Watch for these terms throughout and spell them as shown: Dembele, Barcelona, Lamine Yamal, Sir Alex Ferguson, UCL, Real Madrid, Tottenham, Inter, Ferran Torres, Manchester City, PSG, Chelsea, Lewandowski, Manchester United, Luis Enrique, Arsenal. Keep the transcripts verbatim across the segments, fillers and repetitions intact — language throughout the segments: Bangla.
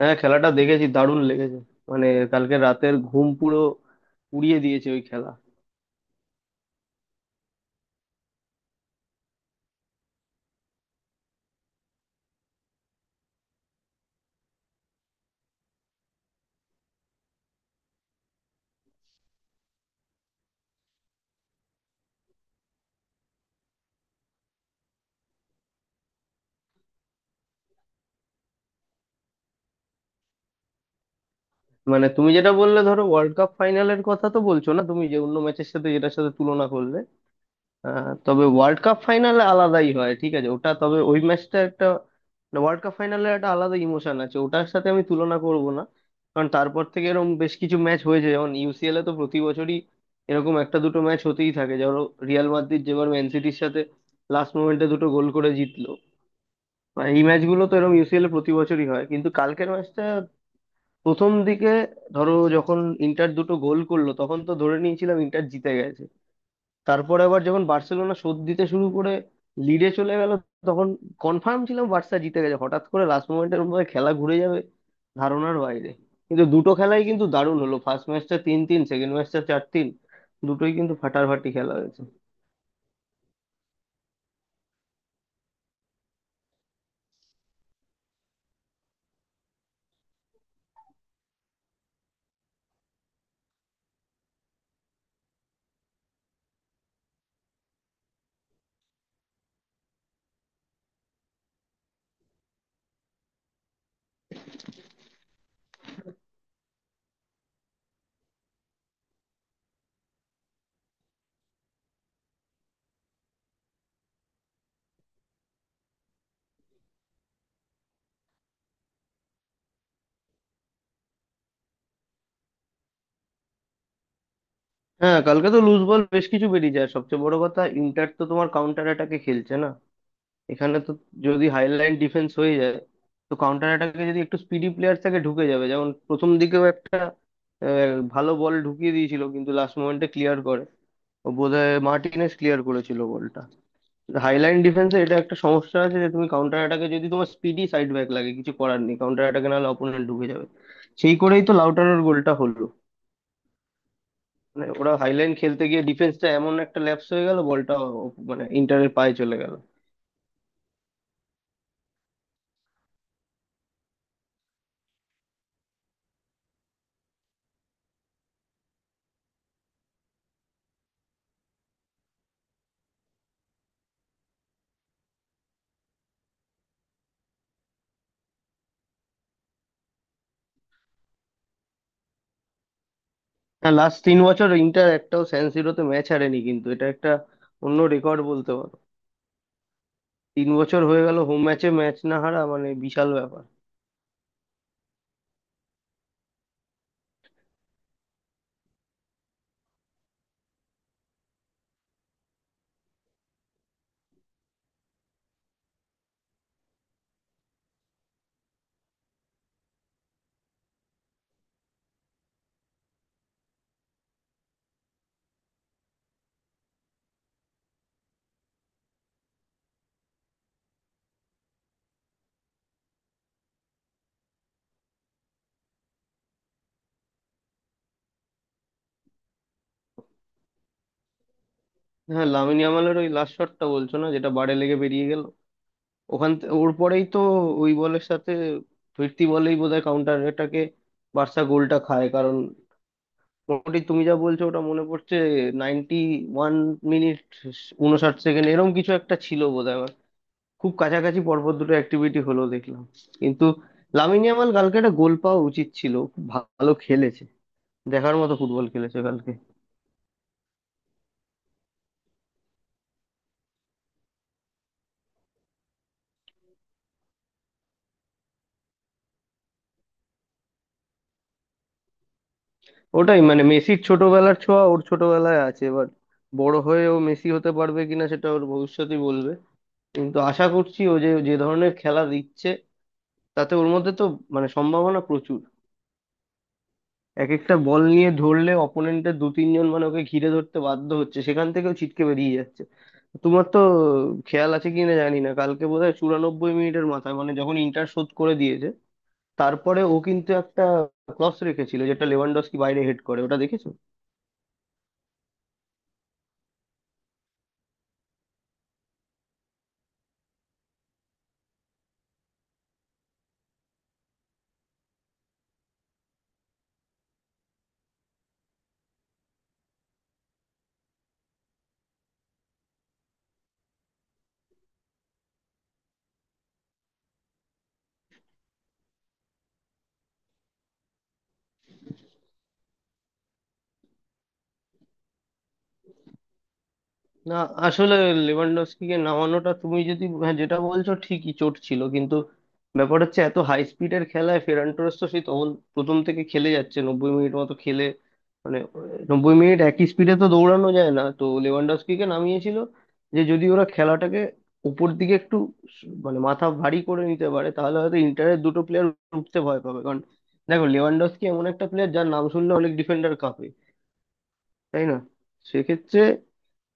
হ্যাঁ, খেলাটা দেখেছি, দারুণ লেগেছে। মানে কালকে রাতের ঘুম পুরো উড়িয়ে দিয়েছে ওই খেলা। মানে তুমি যেটা বললে ধরো ওয়ার্ল্ড কাপ ফাইনালের কথা তো বলছো না তুমি, যে অন্য ম্যাচের সাথে যেটার সাথে তুলনা করলে। আহ, তবে ওয়ার্ল্ড কাপ ফাইনালে আলাদাই হয়, ঠিক আছে ওটা। তবে ওই ম্যাচটা একটা, মানে ওয়ার্ল্ড কাপ ফাইনালের একটা আলাদা ইমোশন আছে, ওটার সাথে আমি তুলনা করব না। কারণ তারপর থেকে এরকম বেশ কিছু ম্যাচ হয়েছে, যেমন ইউসিএল এ তো প্রতি বছরই এরকম একটা দুটো ম্যাচ হতেই থাকে। ধরো রিয়াল মাদ্রিদ যেবার ম্যান সিটির সাথে লাস্ট মোমেন্টে দুটো গোল করে জিতলো, বা এই ম্যাচগুলো তো এরকম ইউসিএল এ প্রতি বছরই হয়। কিন্তু কালকের ম্যাচটা প্রথম দিকে, ধরো যখন ইন্টার দুটো গোল করলো তখন তো ধরে নিয়েছিলাম ইন্টার জিতে গেছে। তারপরে আবার যখন বার্সেলোনা শোধ দিতে শুরু করে লিডে চলে গেল, তখন কনফার্ম ছিলাম বার্সা জিতে গেছে। হঠাৎ করে লাস্ট মোমেন্টের মধ্যে খেলা ঘুরে যাবে, ধারণার বাইরে। কিন্তু দুটো খেলাই কিন্তু দারুণ হলো, ফার্স্ট ম্যাচটা তিন তিন, সেকেন্ড ম্যাচটা চার তিন। দুটোই কিন্তু ফাটাফাটি খেলা হয়েছে। হ্যাঁ, কালকে তো লুজ বল বেশ কিছু বেরিয়ে যায়। সবচেয়ে বড় কথা, ইন্টার তো তোমার কাউন্টার অ্যাটাকে খেলছে না। এখানে তো যদি হাইলাইন ডিফেন্স হয়ে যায়, তো কাউন্টার অ্যাটাকে যদি একটু স্পিডি প্লেয়ার থাকে ঢুকে যাবে। যেমন প্রথম দিকেও একটা আহ, ভালো বল ঢুকিয়ে দিয়েছিল, কিন্তু লাস্ট মোমেন্টে ক্লিয়ার করে। ও বোধহয় মার্টিনেস ক্লিয়ার করেছিল বলটা। হাইলাইন ডিফেন্সে এটা একটা সমস্যা আছে, যে তুমি কাউন্টার অ্যাটাকে যদি তোমার স্পিডি সাইড ব্যাক লাগে, কিছু করার নেই কাউন্টার অ্যাটাকে, নাহলে অপোনেন্ট ঢুকে যাবে। সেই করেই তো লাউটারের গোলটা হলো। মানে ওরা হাইলাইন খেলতে গিয়ে ডিফেন্সটা এমন একটা ল্যাপস হয়ে গেল, বলটা মানে ইন্টারের পায়ে চলে গেল। হ্যাঁ, লাস্ট তিন বছর ইন্টার একটাও স্যান সিরোতে ম্যাচ হারেনি, কিন্তু এটা একটা অন্য রেকর্ড বলতে পারো। তিন বছর হয়ে গেল হোম ম্যাচে ম্যাচ না হারা, মানে বিশাল ব্যাপার। হ্যাঁ, লামিন ইয়ামালের ওই লাস্ট শটটা বলছো না, যেটা বারে লেগে বেরিয়ে গেল? ওখান থে- ওর পরেই তো ওই বলের সাথে ফিরতি বলেই বোধহয় কাউন্টার এটাকে বার্সা গোলটা খায়। কারণ মোটামুটি তুমি যা বলছো ওটা মনে পড়ছে, নাইনটি ওয়ান মিনিট উনষাট সেকেন্ড এরকম কিছু একটা ছিল বোধহয়। খুব কাছাকাছি পরপর দুটো অ্যাক্টিভিটি হলো দেখলাম। কিন্তু লামিন ইয়ামাল কালকে একটা গোল পাওয়া উচিত ছিল, খুব ভালো খেলেছে, দেখার মতো ফুটবল খেলেছে কালকে। ওটাই, মানে মেসির ছোটবেলার ছোঁয়া ওর ছোটবেলায় আছে এবার। বড় হয়ে ও মেসি হতে পারবে কিনা সেটা ওর ভবিষ্যতই বলবে, কিন্তু আশা করছি ও যে যে ধরনের খেলা দিচ্ছে, তাতে ওর মধ্যে তো মানে সম্ভাবনা প্রচুর। এক একটা বল নিয়ে ধরলে অপোনেন্টের দু তিনজন মানে ওকে ঘিরে ধরতে বাধ্য হচ্ছে, সেখান থেকেও ছিটকে বেরিয়ে যাচ্ছে। তোমার তো খেয়াল আছে কিনা জানি না, কালকে বোধহয় চুরানব্বই মিনিটের মাথায়, মানে যখন ইন্টার শোধ করে দিয়েছে তারপরে, ও কিন্তু একটা ক্রস রেখেছিল যেটা লেভানডস্কি বাইরে হেড করে, ওটা দেখেছো? না, আসলে লেভানডস্কিকে নামানোটা, তুমি যদি হ্যাঁ, যেটা বলছো ঠিকই চোট ছিল, কিন্তু ব্যাপার হচ্ছে এত হাই স্পিডের খেলায় ফেরান টোরেস তো সেই তখন প্রথম থেকে খেলে যাচ্ছে, নব্বই মিনিট মতো খেলে মানে নব্বই মিনিট একই স্পিডে তো দৌড়ানো যায় না। তো লেভানডস্কিকে নামিয়েছিল যে যদি ওরা খেলাটাকে উপর দিকে একটু স- মানে মাথা ভারী করে নিতে পারে, তাহলে হয়তো ইন্টারের দুটো প্লেয়ার উঠতে ভয় পাবে। কারণ দেখো, লেভানডস্কি এমন একটা প্লেয়ার যার নাম শুনলে অনেক ডিফেন্ডার কাঁপে, তাই না? সেক্ষেত্রে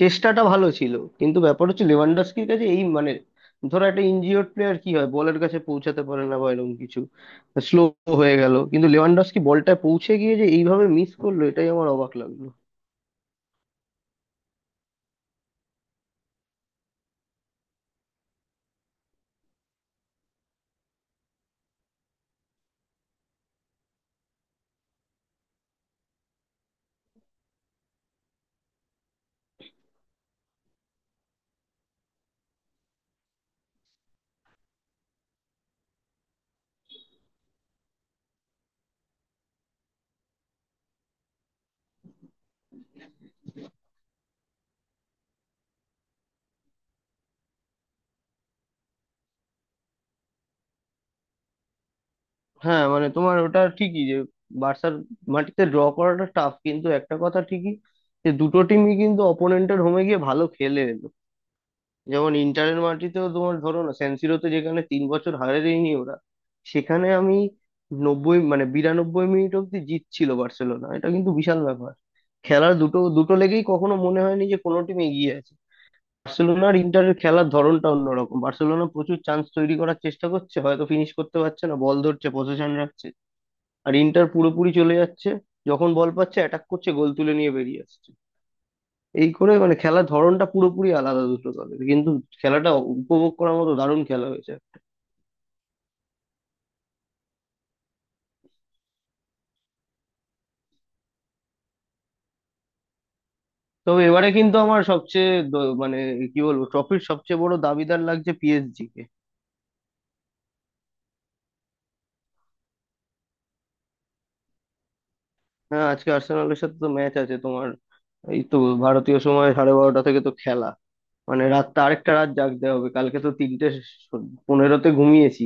চেষ্টাটা ভালো ছিল, কিন্তু ব্যাপার হচ্ছে লেভানডস্কির কাছে এই মানে, ধরো একটা ইনজিওর প্লেয়ার কি হয়, বলের কাছে পৌঁছাতে পারে না বা এরকম কিছু, স্লো হয়ে গেল। কিন্তু লেভানডস্কি বলটা পৌঁছে গিয়ে যে এইভাবে মিস করলো, এটাই আমার অবাক লাগলো। হ্যাঁ, মানে তোমার ওটা ঠিকই যে বার্সার মাটিতে ড্র করাটা টাফ, কিন্তু একটা কথা ঠিকই যে দুটো টিমই কিন্তু অপোনেন্টের হোমে গিয়ে ভালো খেলে এলো। যেমন ইন্টারের মাটিতেও তোমার ধরো না সেনসিরোতে, যেখানে তিন বছর হারে দেয়নি ওরা, সেখানে আমি নব্বই মানে বিরানব্বই মিনিট অব্দি জিতছিল বার্সেলোনা, এটা কিন্তু বিশাল ব্যাপার। খেলার দুটো দুটো লেগেই কখনো মনে হয়নি যে কোনো টিম এগিয়ে আছে। বার্সেলোনা আর ইন্টারের খেলার ধরনটা অন্যরকম, বার্সেলোনা প্রচুর চান্স তৈরি করার চেষ্টা করছে, হয়তো ফিনিশ করতে পারছে না, বল ধরছে, পজিশন রাখছে। আর ইন্টার পুরোপুরি চলে যাচ্ছে, যখন বল পাচ্ছে অ্যাটাক করছে, গোল তুলে নিয়ে বেরিয়ে আসছে। এই করে মানে খেলার ধরনটা পুরোপুরি আলাদা দুটো দলের, কিন্তু খেলাটা উপভোগ করার মতো দারুণ খেলা হয়েছে। তবে এবারে কিন্তু আমার সবচেয়ে দ- মানে কি বলবো, ট্রফির সবচেয়ে বড় দাবিদার লাগছে পিএসজি কে। হ্যাঁ, আজকে আর্সেনালের সাথে তো ম্যাচ আছে তোমার। এই তো ভারতীয় সময় সাড়ে বারোটা থেকে তো খেলা, মানে রাতটা আরেকটা রাত জাগতে হবে। কালকে তো তিনটে পনেরোতে ঘুমিয়েছি।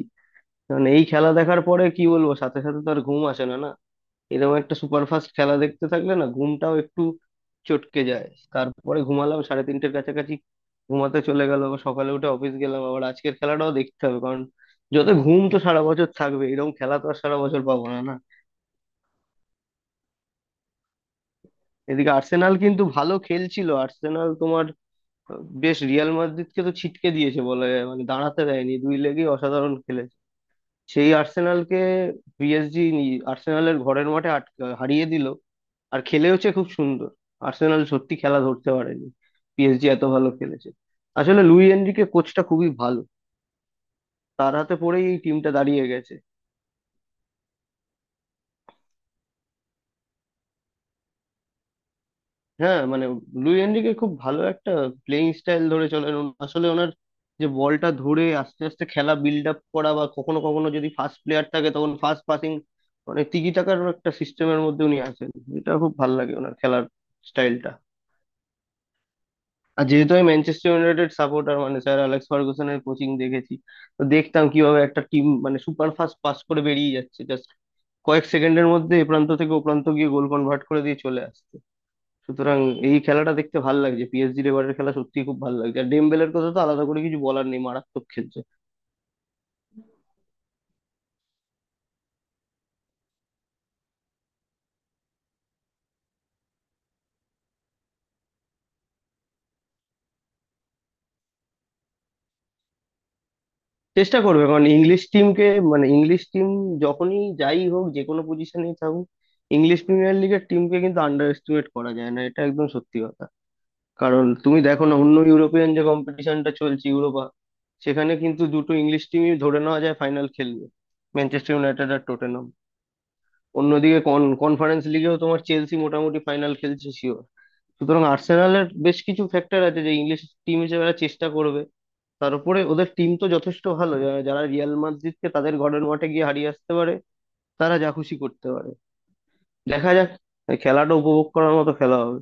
মানে এই খেলা দেখার পরে কি বলবো, সাথে সাথে তো আর ঘুম আসে না, না। এরকম একটা সুপারফাস্ট খেলা দেখতে থাকলে না, ঘুমটাও একটু চটকে যায়। তারপরে ঘুমালাম সাড়ে তিনটের কাছাকাছি, ঘুমাতে চলে গেল। আবার সকালে উঠে অফিস গেলাম, আবার আজকের খেলাটাও দেখতে হবে। কারণ যত ঘুম তো সারা বছর থাকবে, এরকম খেলা তো আর সারা বছর পাবো না, না। এদিকে আর্সেনাল কিন্তু ভালো খেলছিল। আর্সেনাল তোমার বেশ রিয়াল মাদ্রিদকে তো ছিটকে দিয়েছে বলা যায়, মানে দাঁড়াতে দেয়নি, দুই লেগই অসাধারণ খেলেছে। সেই আর্সেনালকে পিএসজি আর্সেনালের ঘরের মাঠে আটকে হারিয়ে দিল। আর খেলে হচ্ছে খুব সুন্দর। আর্সেনাল সত্যি খেলা ধরতে পারেনি, পিএসজি এত ভালো খেলেছে। আসলে লুই এনরিকে কোচটা খুবই ভালো, তার হাতে পড়েই এই টিমটা দাঁড়িয়ে গেছে। হ্যাঁ, মানে লুই এনরিকে খুব ভালো একটা প্লেইং স্টাইল ধরে চলেন উনি। আসলে ওনার যে বলটা ধরে আস্তে আস্তে খেলা বিল্ড আপ করা, বা কখনো কখনো যদি ফাস্ট প্লেয়ার থাকে তখন ফাস্ট পাসিং, মানে তিগি টাকার একটা সিস্টেমের মধ্যে উনি আছেন। এটা খুব ভালো লাগে ওনার খেলার স্টাইলটা। আর যেহেতু আমি ম্যানচেস্টার ইউনাইটেড সাপোর্টার, মানে স্যার অ্যালেক্স ফার্গুসনের কোচিং দেখেছি, তো দেখতাম কিভাবে একটা টিম মানে সুপার ফাস্ট পাস করে বেরিয়ে যাচ্ছে, জাস্ট কয়েক সেকেন্ডের মধ্যে এ প্রান্ত থেকে ও প্রান্ত গিয়ে গোল কনভার্ট করে দিয়ে চলে আসছে। সুতরাং এই খেলাটা দেখতে ভাল লাগছে, পিএসজির এবারের খেলা সত্যি খুব ভালো লাগছে। আর ডেমবেলের কথা তো আলাদা করে কিছু বলার নেই, মারাত্মক খেলছে। চেষ্টা করবে, কারণ ইংলিশ টিমকে, মানে ইংলিশ টিম যখনই, যাই হোক, যে কোনো পজিশনেই থাকুক, ইংলিশ প্রিমিয়ার লিগের টিমকে কিন্তু আন্ডার এস্টিমেট করা যায় না, এটা একদম সত্যি কথা। কারণ তুমি দেখো না, অন্য ইউরোপিয়ান যে কম্পিটিশনটা চলছে, ইউরোপা, সেখানে কিন্তু দুটো ইংলিশ টিমই ধরে নেওয়া যায় ফাইনাল খেলবে, ম্যানচেস্টার ইউনাইটেড আর টটেনহাম। অন্যদিকে কনফারেন্স লিগেও তোমার চেলসি মোটামুটি ফাইনাল খেলছে শিওর। সুতরাং আর্সেনালের বেশ কিছু ফ্যাক্টর আছে যে ইংলিশ টিম হিসেবে এরা চেষ্টা করবে। তার উপরে ওদের টিম তো যথেষ্ট ভালো, যা- যারা রিয়াল মাদ্রিদকে তাদের ঘরের মাঠে গিয়ে হারিয়ে আসতে পারে, তারা যা খুশি করতে পারে। দেখা যাক, খেলাটা উপভোগ করার মতো খেলা হবে।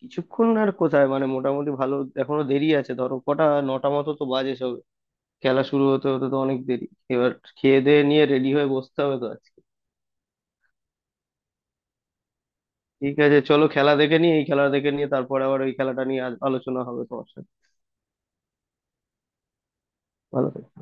কিছুক্ষণ আর কোথায়, মানে মোটামুটি ভালো এখনো দেরি আছে, ধরো কটা নটা মতো তো বাজে সব, খেলা শুরু হতে হতে তো অনেক দেরি। এবার খেয়ে দেয়ে নিয়ে রেডি হয়ে বসতে হবে তো আজকে। ঠিক আছে, চলো খেলা দেখে নিই, এই খেলা দেখে নিয়ে তারপরে আবার ওই খেলাটা নিয়ে আজ আলোচনা হবে তোমার সাথে। ভালো থেকো।